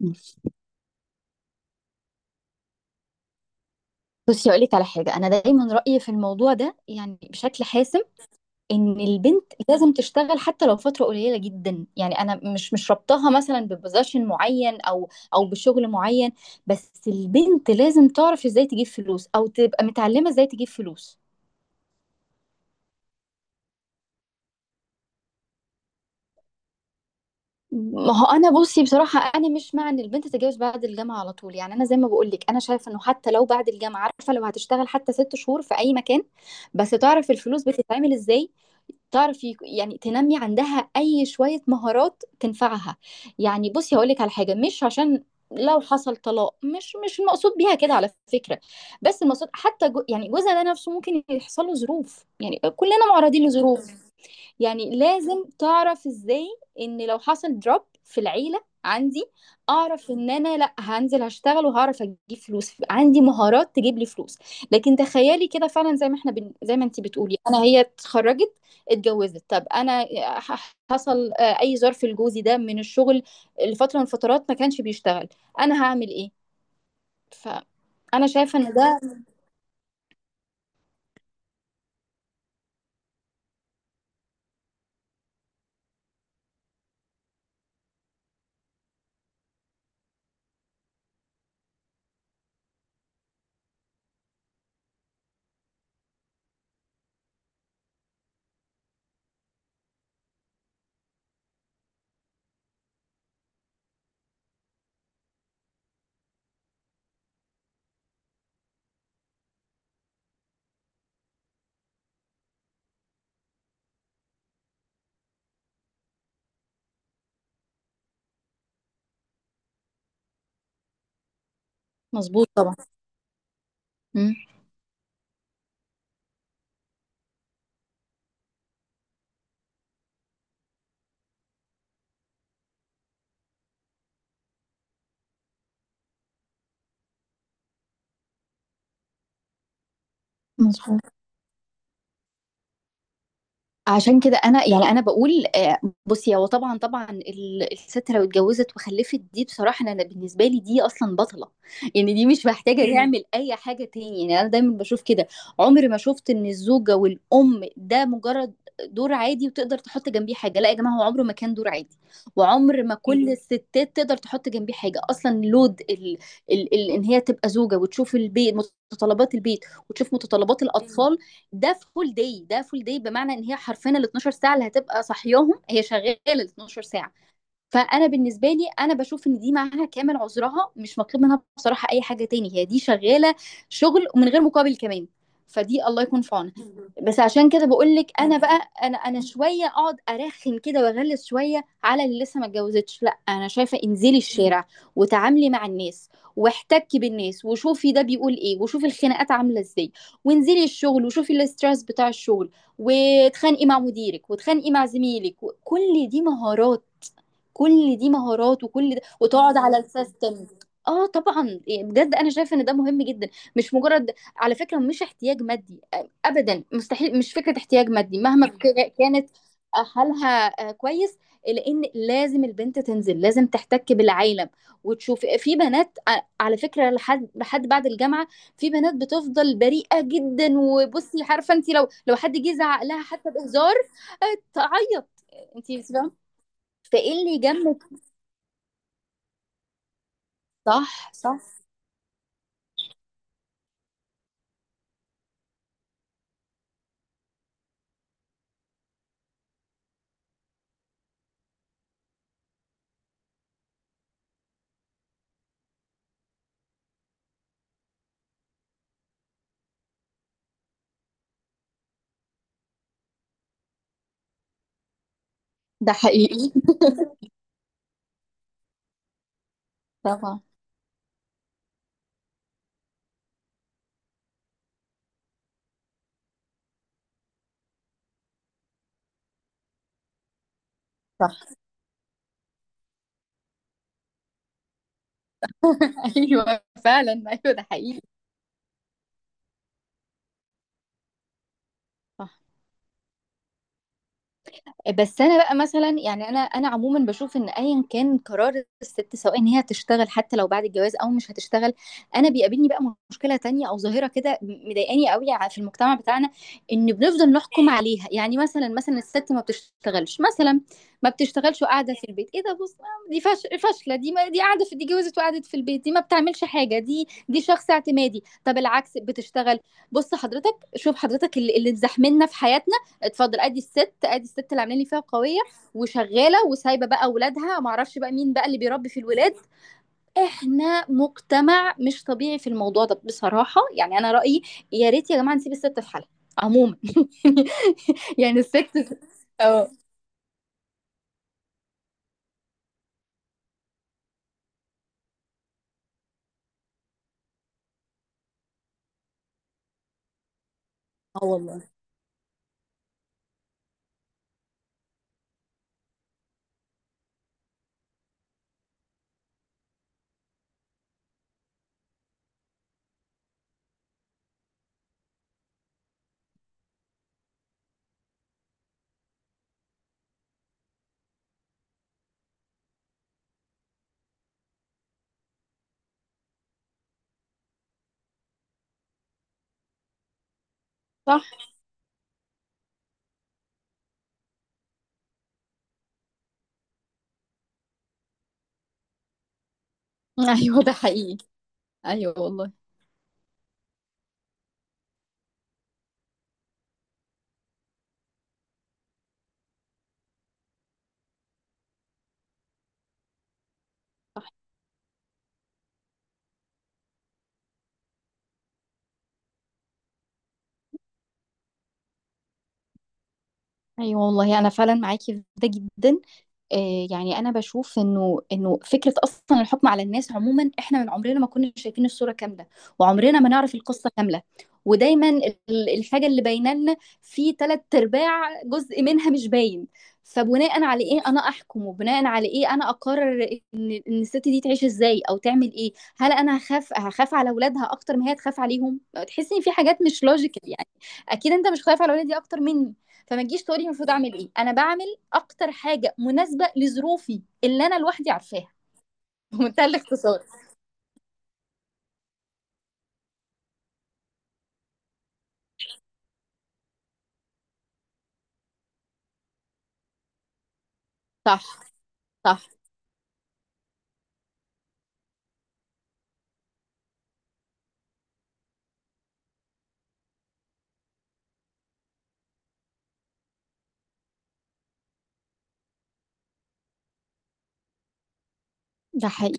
بس. بصي، هقول لك على حاجه، انا دايما رايي في الموضوع ده يعني بشكل حاسم: ان البنت لازم تشتغل حتى لو فتره قليله جدا. يعني انا مش ربطها مثلا ببوزيشن معين او بشغل معين. بس البنت لازم تعرف ازاي تجيب فلوس، او تبقى متعلمه ازاي تجيب فلوس. ما هو انا بصي بصراحه، انا مش مع ان البنت تتجوز بعد الجامعه على طول. يعني انا زي ما بقول لك، انا شايفه انه حتى لو بعد الجامعه، عارفه، لو هتشتغل حتى ست شهور في اي مكان، بس تعرف الفلوس بتتعمل ازاي. تعرف يعني تنمي عندها اي شوية مهارات تنفعها. يعني بصي هقولك على حاجة: مش عشان لو حصل طلاق، مش المقصود بيها كده على فكرة. بس المقصود حتى جو، يعني جوزها ده نفسه ممكن يحصل له ظروف، يعني كلنا معرضين لظروف. يعني لازم تعرف ازاي، ان لو حصل دروب في العيلة عندي، اعرف ان انا لا، هنزل هشتغل وهعرف اجيب فلوس، عندي مهارات تجيب لي فلوس. لكن تخيلي كده فعلا، زي ما احنا زي ما انت بتقولي، انا هي اتخرجت، اتجوزت، طب انا حصل اي ظرف لجوزي ده من الشغل لفترة من الفترات ما كانش بيشتغل، انا هعمل ايه؟ فانا شايفة ان ده مظبوط طبعا. مم. مظبوط. عشان كده انا، يعني انا بقول بصي، هو طبعا طبعا الست لو اتجوزت وخلفت، دي بصراحه انا، بالنسبه لي دي اصلا بطله. يعني دي مش محتاجه تعمل اي حاجه تاني. يعني انا دايما بشوف كده، عمري ما شفت ان الزوجه والام ده مجرد دور عادي وتقدر تحط جنبيه حاجه. لا يا جماعه، هو عمره ما كان دور عادي، وعمر ما كل الستات تقدر تحط جنبيه حاجه اصلا لود ال ان هي تبقى زوجه وتشوف البيت، متطلبات البيت، وتشوف متطلبات الاطفال. ده فول داي، ده فول داي، بمعنى ان هي حرفيا ال 12 ساعه اللي هتبقى صاحياهم هي شغاله ال 12 ساعه. فانا بالنسبه لي، انا بشوف ان دي معاها كامل عذرها، مش مطلوب منها بصراحه اي حاجه تاني، هي دي شغاله شغل، ومن غير مقابل كمان. فدي الله يكون في عونها. بس عشان كده بقول لك، انا بقى انا، انا شويه اقعد ارخم كده واغلس شويه على اللي لسه ما اتجوزتش: لا، انا شايفه انزلي الشارع، وتعاملي مع الناس، واحتكي بالناس، وشوفي ده بيقول ايه، وشوفي الخناقات عامله ازاي، وانزلي الشغل، وشوفي الاسترس بتاع الشغل، واتخانقي مع مديرك، واتخانقي مع زميلك. كل دي مهارات، كل دي مهارات، وكل ده، وتقعد على السيستم. اه طبعا، يعني بجد انا شايفه ان ده مهم جدا. مش مجرد، على فكره، مش احتياج مادي، ابدا، مستحيل، مش فكره احتياج مادي مهما كانت حالها كويس. لان لازم البنت تنزل، لازم تحتك بالعالم وتشوف. في بنات على فكره لحد، لحد بعد الجامعه، في بنات بتفضل بريئه جدا. وبصي عارفه انت، لو حد جه زعق لها حتى بهزار آه، تعيط. إيه، انت فاهمه؟ فايه اللي يجمد؟ صح، صح. ده حقيقي. طبعا. صح. ايوه فعلا، ايوه ده حقيقي. صح. بس انا بقى مثلا، يعني انا، انا عموما بشوف ان ايا كان قرار الست، سواء ان هي هتشتغل حتى لو بعد الجواز، او مش هتشتغل، انا بيقابلني بقى مشكله تانية او ظاهره كده مضايقاني قوي في المجتمع بتاعنا: ان بنفضل نحكم عليها. يعني مثلا، مثلا الست ما بتشتغلش مثلا، ما بتشتغلش وقاعده في البيت: ايه ده؟ بص، دي فاشله، دي ما دي قاعده في، دي جوزت وقعدت في البيت، دي ما بتعملش حاجه، دي، دي شخص اعتمادي. طب العكس بتشتغل: بص حضرتك، شوف حضرتك اللي اتزحملنا في حياتنا، اتفضل ادي الست، ادي الست اللي عاملين لي فيها قويه وشغاله وسايبه بقى اولادها، ما اعرفش بقى مين بقى اللي بيربي في الولاد. احنا مجتمع مش طبيعي في الموضوع ده بصراحه. يعني انا رايي: يا ريت يا جماعه نسيب الست في حالها عموما. يعني الست. اه. اه والله. صح. ايوه ده حقيقي. ايوه والله. صح. ايوه والله، انا فعلا معاكي في ده جدا. يعني انا بشوف انه فكره اصلا الحكم على الناس عموما، احنا من عمرنا ما كنا شايفين الصوره كامله، وعمرنا ما نعرف القصه كامله. ودايما الحاجه اللي باينه لنا، في تلات ارباع جزء منها مش باين. فبناء على ايه انا احكم؟ وبناء على ايه انا اقرر ان الست دي تعيش ازاي او تعمل ايه؟ هل انا هخاف على اولادها اكتر ما هي تخاف عليهم؟ تحس ان في حاجات مش لوجيكال، يعني. اكيد انت مش خايف على ولادي اكتر مني. فما تجيش تقولي المفروض اعمل ايه، انا بعمل اكتر حاجه مناسبه لظروفي اللي انا لوحدي عارفاها. بمنتهى الاختصار. صح، صح. ده حقيقي.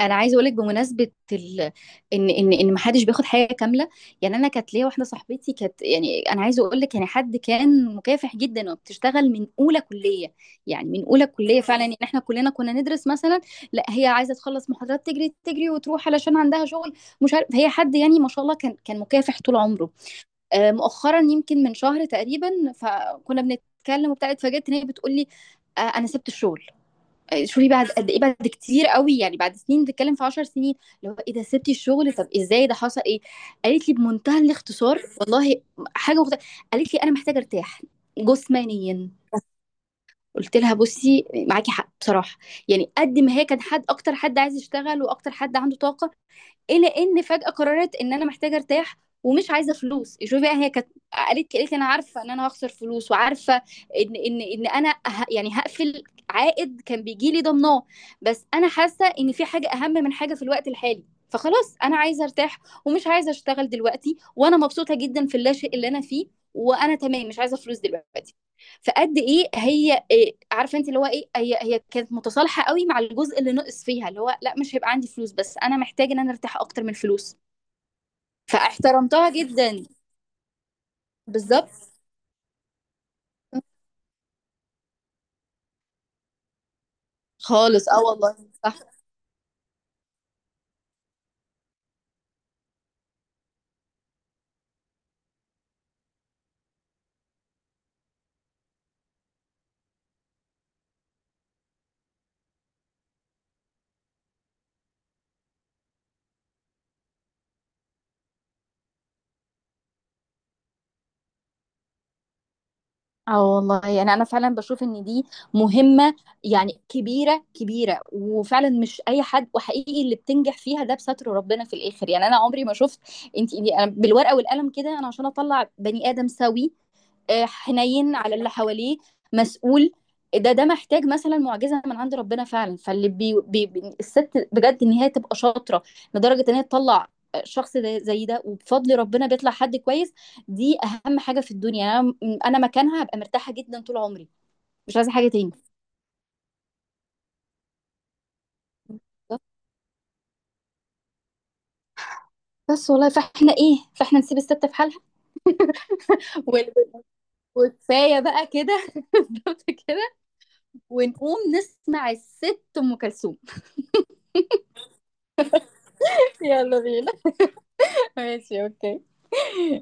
انا عايزه اقول لك بمناسبه ان ان ما حدش بياخد حاجه كامله. يعني انا كانت ليا واحده صاحبتي، كانت، يعني انا عايزه اقول لك، يعني حد كان مكافح جدا وبتشتغل من اولى كليه. يعني من اولى كليه فعلا، ان احنا كلنا كنا ندرس مثلا، لا هي عايزه تخلص محاضرات، تجري تجري وتروح علشان عندها شغل، مش عارف. هي حد يعني ما شاء الله، كان مكافح طول عمره. مؤخرا يمكن من شهر تقريبا، فكنا بنتكلم وبتاع، اتفاجئت ان هي بتقول لي انا سبت الشغل. شوفي بعد قد ايه، بعد كتير قوي، يعني بعد سنين، بتتكلم في 10 سنين. اللي هو، ايه ده سبتي الشغل، طب ازاي، ده حصل ايه؟ قالت لي بمنتهى الاختصار، والله حاجه مخت... قالت لي انا محتاجه ارتاح جسمانيا. قلت لها بصي معاكي حق بصراحه. يعني قد ما هي كان حد، اكتر حد عايز يشتغل، واكتر حد عنده طاقه، الى ان فجأة قررت ان انا محتاجة ارتاح، ومش عايزة فلوس. شوفي بقى، هي كانت، قالت لي انا عارفة ان انا هخسر فلوس، وعارفة ان، ان انا يعني هقفل. عائد كان بيجي لي ضمناه، بس انا حاسة ان في حاجة اهم من حاجة في الوقت الحالي. فخلاص انا عايزة ارتاح، ومش عايزة اشتغل دلوقتي، وانا مبسوطة جدا في اللاشئ اللي انا فيه، وانا تمام، مش عايزة فلوس دلوقتي. فقد ايه هي، إيه عارفه انت اللي هو ايه، هي كانت متصالحه قوي مع الجزء اللي نقص فيها، اللي هو لا، مش هيبقى عندي فلوس، بس انا محتاج ان انا ارتاح اكتر من الفلوس. فاحترمتها جدا. بالظبط. خالص، اه والله. اه والله، يعني انا فعلا بشوف ان دي مهمة، يعني كبيرة كبيرة، وفعلا مش اي حد. وحقيقي، اللي بتنجح فيها ده بستر ربنا في الاخر. يعني انا عمري ما شفت، انت يعني، انا بالورقة والقلم كده، انا عشان اطلع بني ادم سوي، حنين على اللي حواليه، مسؤول، ده، ده محتاج مثلا معجزه من عند ربنا فعلا. فاللي، الست بجد ان هي تبقى شاطره لدرجه ان هي تطلع شخص زي ده، وبفضل ربنا بيطلع حد كويس، دي اهم حاجه في الدنيا. يعني انا، انا مكانها هبقى مرتاحه جدا طول عمري، مش عايزه حاجه تاني. بس والله، فاحنا ايه، فاحنا نسيب الست في حالها. وال- وكفايه بقى كده. بالظبط كده. ونقوم نسمع الست ام كلثوم. يلا بينا. ماشي، اوكي.